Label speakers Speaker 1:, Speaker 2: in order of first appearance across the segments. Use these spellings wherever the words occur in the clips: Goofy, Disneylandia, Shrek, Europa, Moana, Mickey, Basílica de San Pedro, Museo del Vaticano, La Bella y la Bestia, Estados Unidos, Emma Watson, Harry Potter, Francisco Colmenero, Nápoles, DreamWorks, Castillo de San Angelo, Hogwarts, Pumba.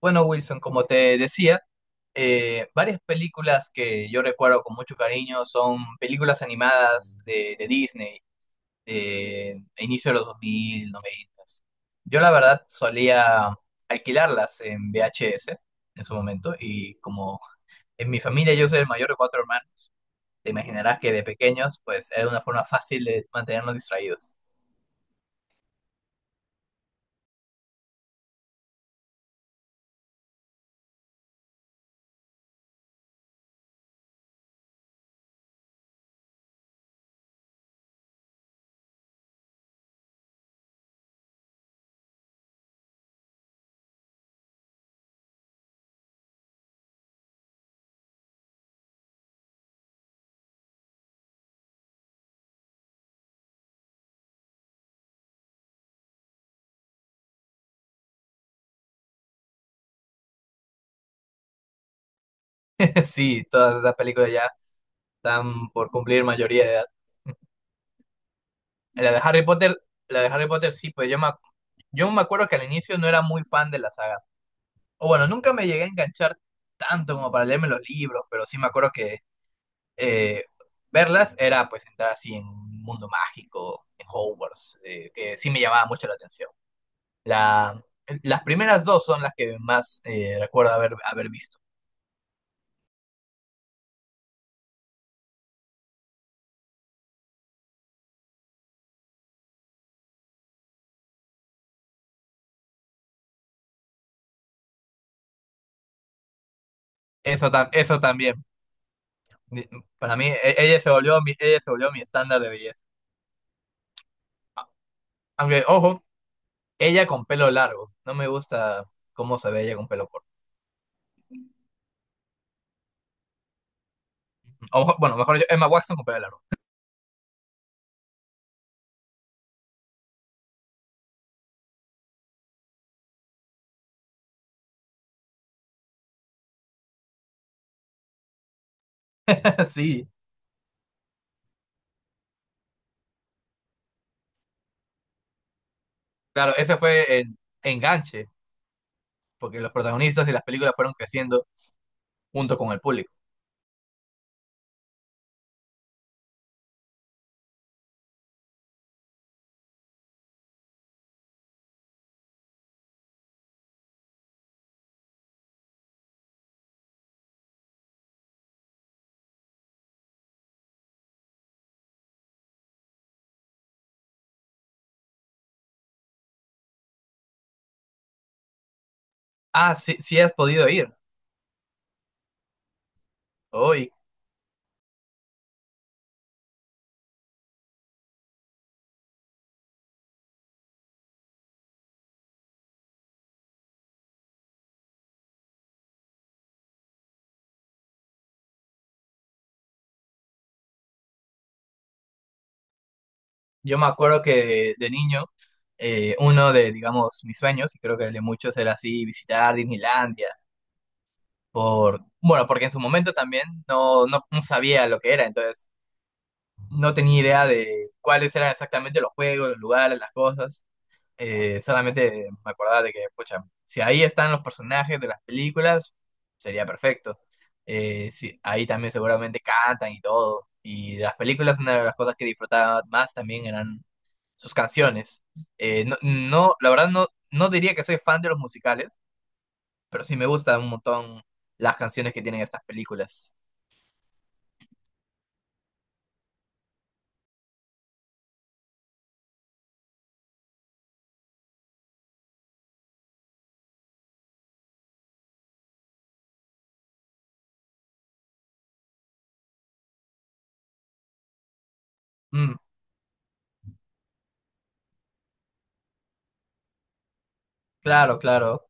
Speaker 1: Bueno, Wilson, como te decía, varias películas que yo recuerdo con mucho cariño son películas animadas de Disney, de inicio de los 2000-90. Yo la verdad solía alquilarlas en VHS en su momento y como en mi familia yo soy el mayor de 4 hermanos, te imaginarás que de pequeños pues era una forma fácil de mantenernos distraídos. Sí, todas esas películas ya están por cumplir mayoría de edad. La de Harry Potter, la de Harry Potter sí, pues yo me acuerdo que al inicio no era muy fan de la saga. O bueno, nunca me llegué a enganchar tanto como para leerme los libros, pero sí me acuerdo que eh, verlas era pues entrar así en un mundo mágico, en Hogwarts, que sí me llamaba mucho la atención. La, las primeras dos son las que más recuerdo haber visto. Eso, eso también. Di- para mí, ella se volvió mi estándar de belleza. Aunque, ojo, ella con pelo largo. No me gusta cómo se ve ella con pelo corto. O, bueno, mejor yo, Emma Watson con pelo largo. Sí, claro, ese fue el enganche, porque los protagonistas de las películas fueron creciendo junto con el público. Ah, sí, sí has podido ir. Hoy, yo me acuerdo que de niño, uno de, digamos, mis sueños, y creo que el de muchos era así, visitar Disneylandia, por, bueno, porque en su momento también no sabía lo que era, entonces no tenía idea de cuáles eran exactamente los juegos, los lugares, las cosas. Solamente me acordaba de que, pucha, si ahí están los personajes de las películas, sería perfecto. Sí, ahí también seguramente cantan y todo. Y de las películas, una de las cosas que disfrutaba más también eran sus canciones. No, no, la verdad no, no diría que soy fan de los musicales, pero sí me gustan un montón las canciones que tienen estas películas. Mm, claro, claro.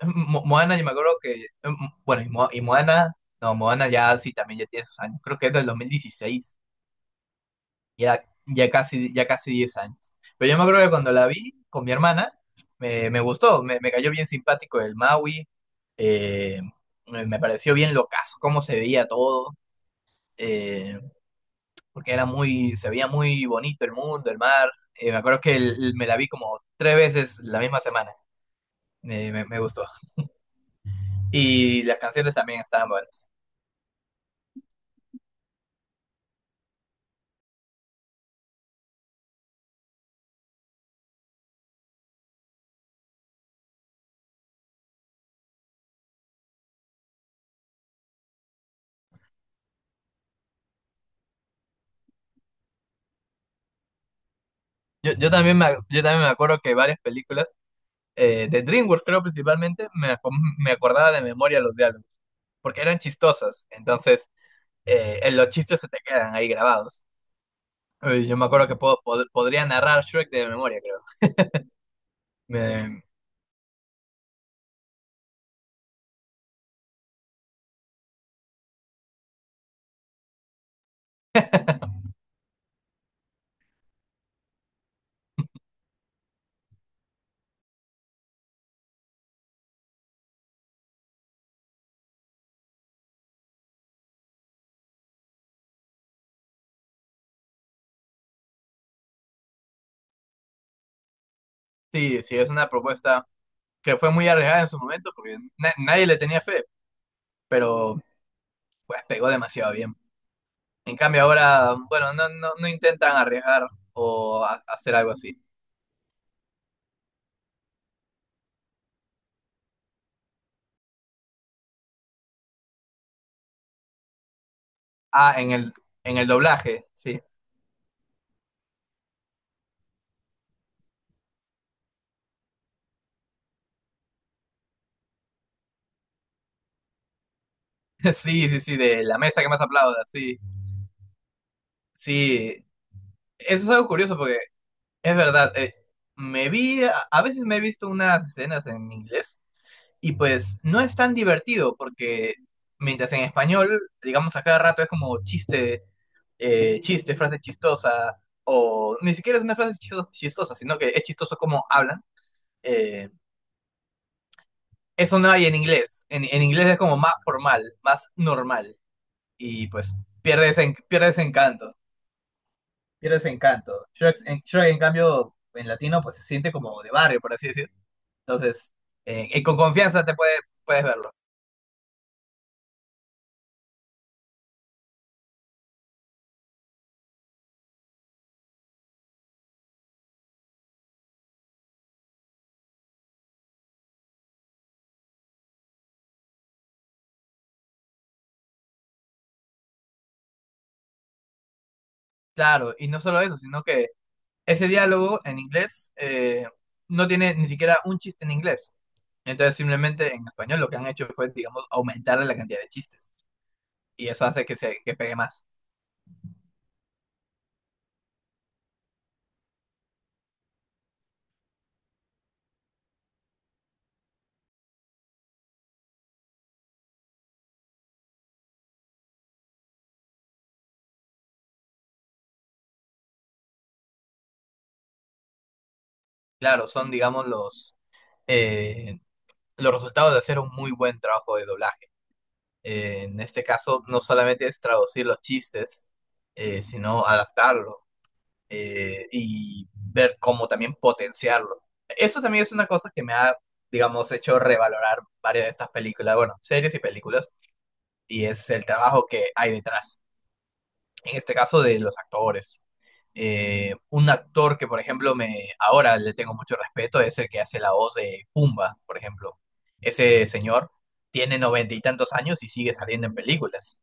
Speaker 1: Moana, yo me acuerdo que, bueno, Moana, no, Moana ya sí, también ya tiene sus años, creo que es del 2016. Ya casi 10 años. Pero yo me acuerdo que cuando la vi con mi hermana, me gustó, me cayó bien simpático el Maui, eh, me pareció bien locazo, cómo se veía todo, eh, porque era muy, se veía muy bonito el mundo, el mar. Me acuerdo que me la vi como 3 veces la misma semana, me gustó. Y las canciones también estaban buenas. Yo también me acuerdo que varias películas, de DreamWorks creo principalmente, me acordaba de memoria los diálogos, porque eran chistosas. Entonces, los chistes se te quedan ahí grabados. Yo me acuerdo que podría narrar Shrek de memoria, creo. Me- sí, sí, es una propuesta que fue muy arriesgada en su momento, porque nadie le tenía fe, pero pues pegó demasiado bien. En cambio ahora, bueno, no intentan arriesgar o hacer algo así. Ah, en el doblaje, sí. Sí, sí, sí, de la mesa que más aplauda, sí. Sí, eso es algo curioso porque es verdad. Me vi, a veces me he visto unas escenas en inglés y pues no es tan divertido porque mientras en español, digamos a cada rato es como chiste, chiste, frase chistosa o ni siquiera es una frase chistosa, sino que es chistoso como hablan. Eh, Eso no hay en inglés, en inglés es como más formal, más normal y pues pierdes encanto, pierdes encanto. Shrek, en cambio en latino pues se siente como de barrio, por así decirlo. Entonces, y con confianza puedes verlo. Claro, y no solo eso, sino que ese diálogo en inglés no tiene ni siquiera un chiste en inglés. Entonces, simplemente en español lo que han hecho fue, digamos, aumentarle la cantidad de chistes. Y eso hace que, que pegue más. Claro, son, digamos, eh, los resultados de hacer un muy buen trabajo de doblaje. En este caso, no solamente es traducir los chistes, sino adaptarlo y ver cómo también potenciarlo. Eso también es una cosa que digamos, hecho revalorar varias de estas películas, bueno, series y películas, y es el trabajo que hay detrás, en este caso de los actores. Un actor que, por ejemplo, me ahora le tengo mucho respeto es el que hace la voz de Pumba, por ejemplo. Ese señor tiene 90 y tantos años y sigue saliendo en películas.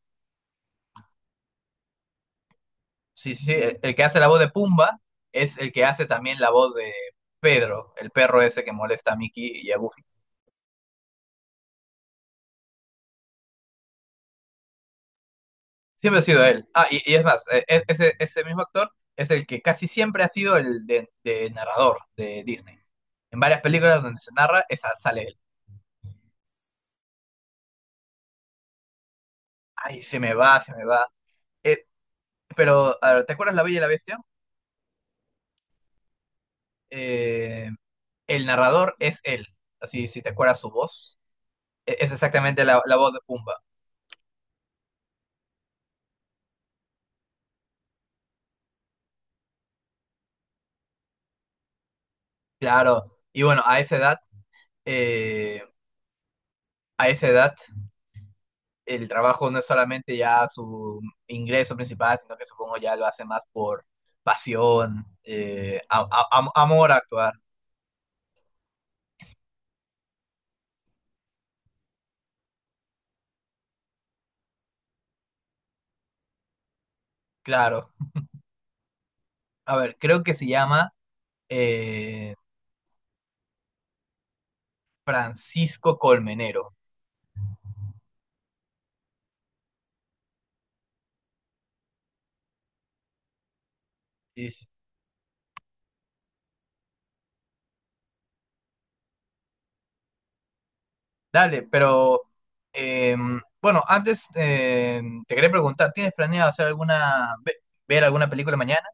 Speaker 1: Sí, sí, sí, el que hace la voz de Pumba es el que hace también la voz de Pedro, el perro ese que molesta a Mickey y a Goofy. Siempre ha sido él. Ah, y es más, ese mismo actor es el que casi siempre ha sido el de narrador de Disney. En varias películas donde se narra, esa sale él. Ay, se me va. Eh, pero, a ver, ¿te acuerdas La Bella y la Bestia? Eh, el narrador es él. Así, si te acuerdas su voz, es exactamente la voz de Pumba. Claro. Y bueno, eh, a esa edad el trabajo no es solamente ya su ingreso principal, sino que supongo ya lo hace más por pasión, amor a actuar, claro. A ver, creo que se llama eh, Francisco Colmenero. Dice, dale, pero bueno, antes te quería preguntar, ¿tienes planeado hacer ver alguna película mañana?